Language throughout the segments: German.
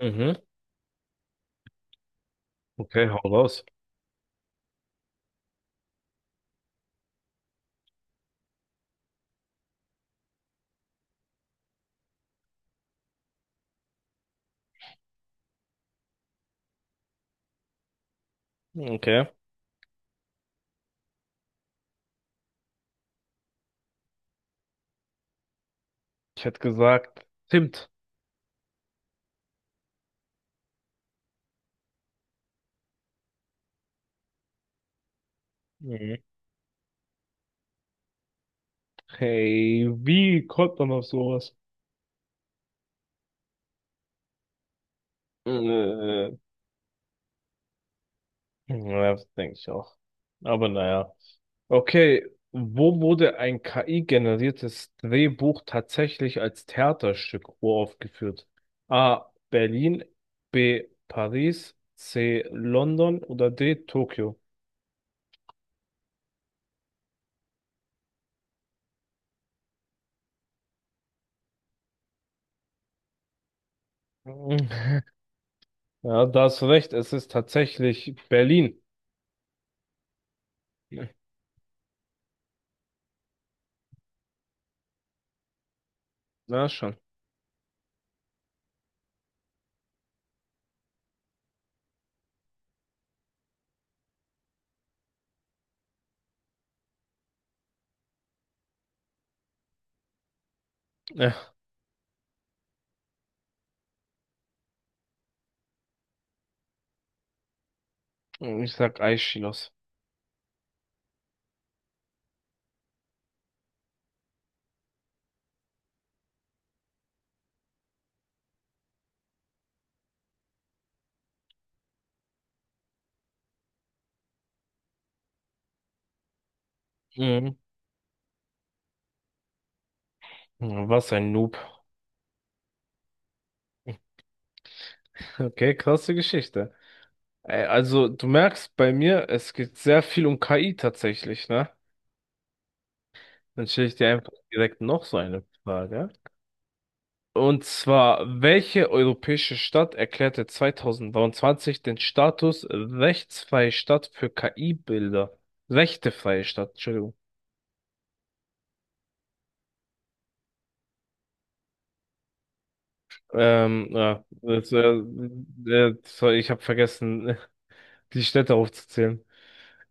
Mhm. Okay, hau raus. Okay. Ich hätte gesagt, Zimt. Mhm. Hey, wie kommt man auf sowas? Äh, ja, das denke ich auch. Aber naja. Okay, wo wurde ein KI-generiertes Drehbuch tatsächlich als Theaterstück uraufgeführt? A. Berlin, B. Paris, C. London oder D. Tokio? Mhm. Ja, da hast du recht, es ist tatsächlich Berlin. Na schon. Ich sag Aeschylus. Mhm. Was ein Noob. Okay, krasse Geschichte. Also, du merkst bei mir, es geht sehr viel um KI tatsächlich, ne? Dann stelle ich dir einfach direkt noch so eine Frage. Und zwar, welche europäische Stadt erklärte 2023 den Status rechtsfreie Stadt für KI-Bilder? Rechtefreie Stadt, Entschuldigung. Ja, sorry, ich habe vergessen, die Städte aufzuzählen.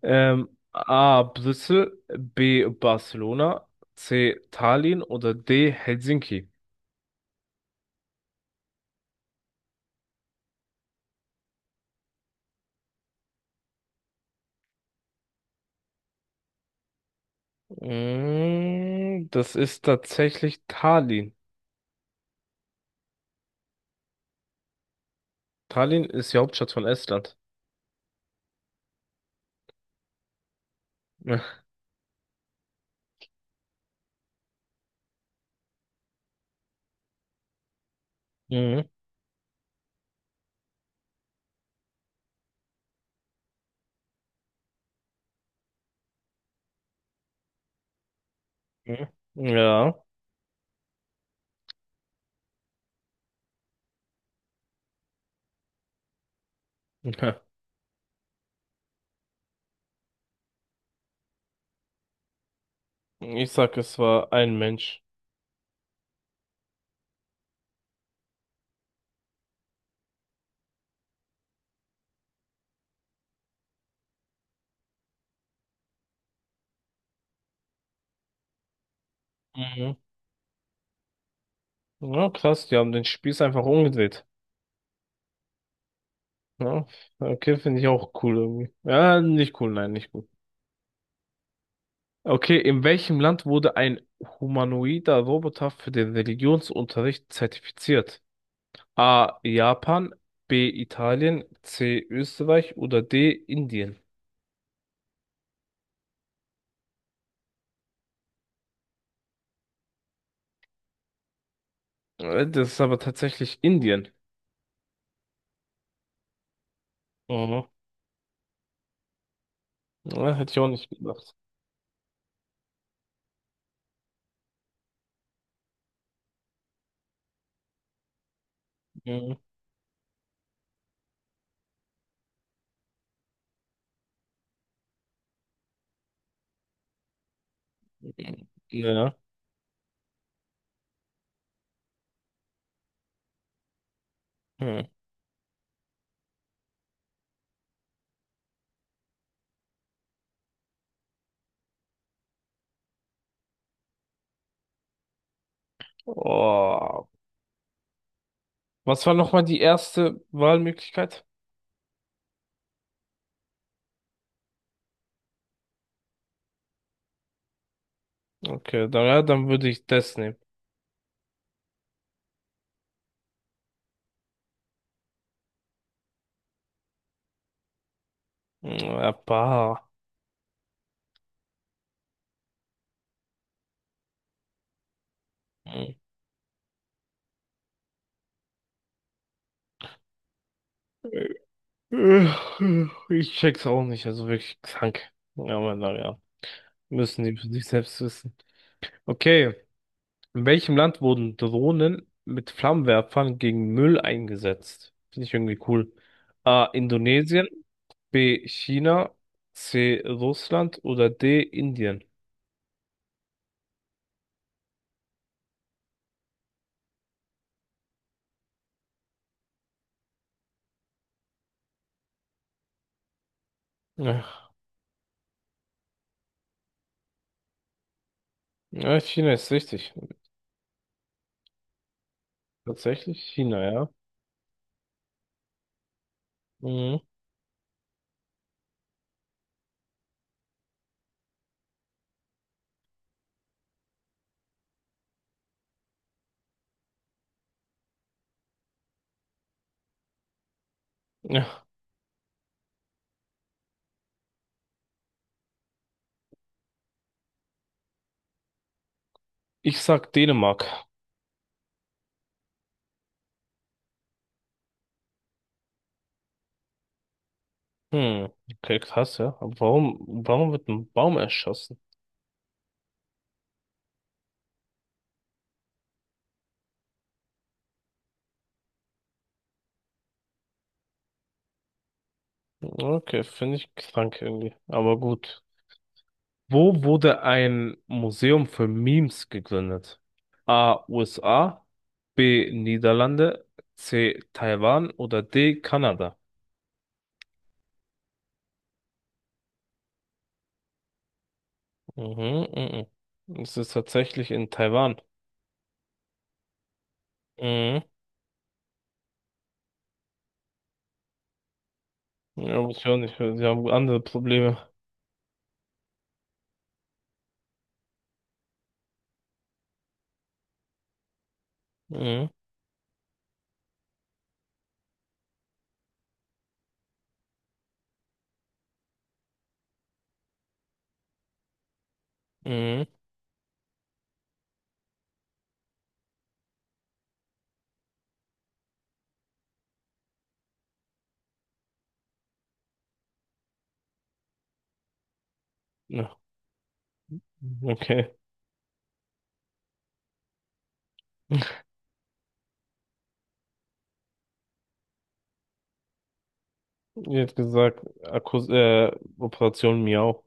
A. Brüssel, B. Barcelona, C. Tallinn oder D. Helsinki? Mm, das ist tatsächlich Tallinn. Tallinn ist die Hauptstadt von Estland. Ja. Mhm. Mhm. Ja. Ich sag, es war ein Mensch. Mhm. Ja, krass, die haben den Spieß einfach umgedreht. Ja, okay, finde ich auch cool irgendwie. Ja, nicht cool, nein, nicht cool. Okay, in welchem Land wurde ein humanoider Roboter für den Religionsunterricht zertifiziert? A. Japan, B. Italien, C. Österreich oder D. Indien? Das ist aber tatsächlich Indien. Mhm. Ja, hätte ich auch nicht gedacht. Mhm. Ja. Hm. Oh. Was war nochmal die erste Wahlmöglichkeit? Okay, dann, ja, dann würde ich das nehmen. Ja, bah. Äh, Ich check's auch nicht, also wirklich krank. Ja, aber naja, müssen die für sich selbst wissen. Okay, in welchem Land wurden Drohnen mit Flammenwerfern gegen Müll eingesetzt? Finde ich irgendwie cool. A. Indonesien, B. China, C. Russland oder D. Indien? Ach, ja, China ist richtig. Tatsächlich China, ja. Mhm. Ja, ich sag Dänemark. Hm, okay, krass, ja. Aber warum, warum wird ein Baum erschossen? Okay, finde ich krank irgendwie. Aber gut. Wo wurde ein Museum für Memes gegründet? A. USA, B. Niederlande, C. Taiwan oder D. Kanada? Mhm, mhm. Es ist tatsächlich in Taiwan. Mhm. Ja, muss ich auch nicht. Sie haben andere Probleme. Mhm, mhm. Ja, okay. Ihr hättet gesagt, Akkus Operation Miau.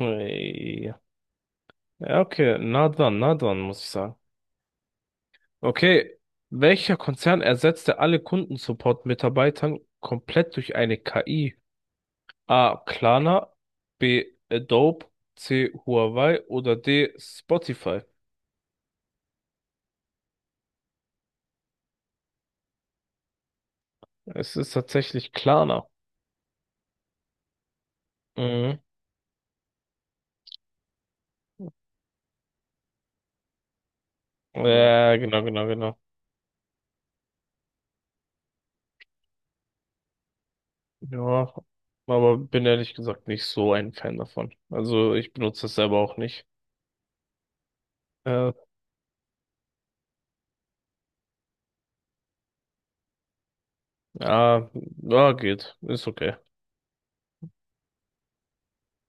Ey. Ja, okay, nah dran, muss ich sagen. Okay, welcher Konzern ersetzte alle Kundensupport-Mitarbeitern komplett durch eine KI? A. Klarna, B. Adobe, C. Huawei oder D. Spotify? Es ist tatsächlich Klarna. Mhm. Ja, genau, genau, genau. Ja, aber bin ehrlich gesagt nicht so ein Fan davon. Also ich benutze das selber auch nicht. Äh, ja, ja, geht. Ist okay.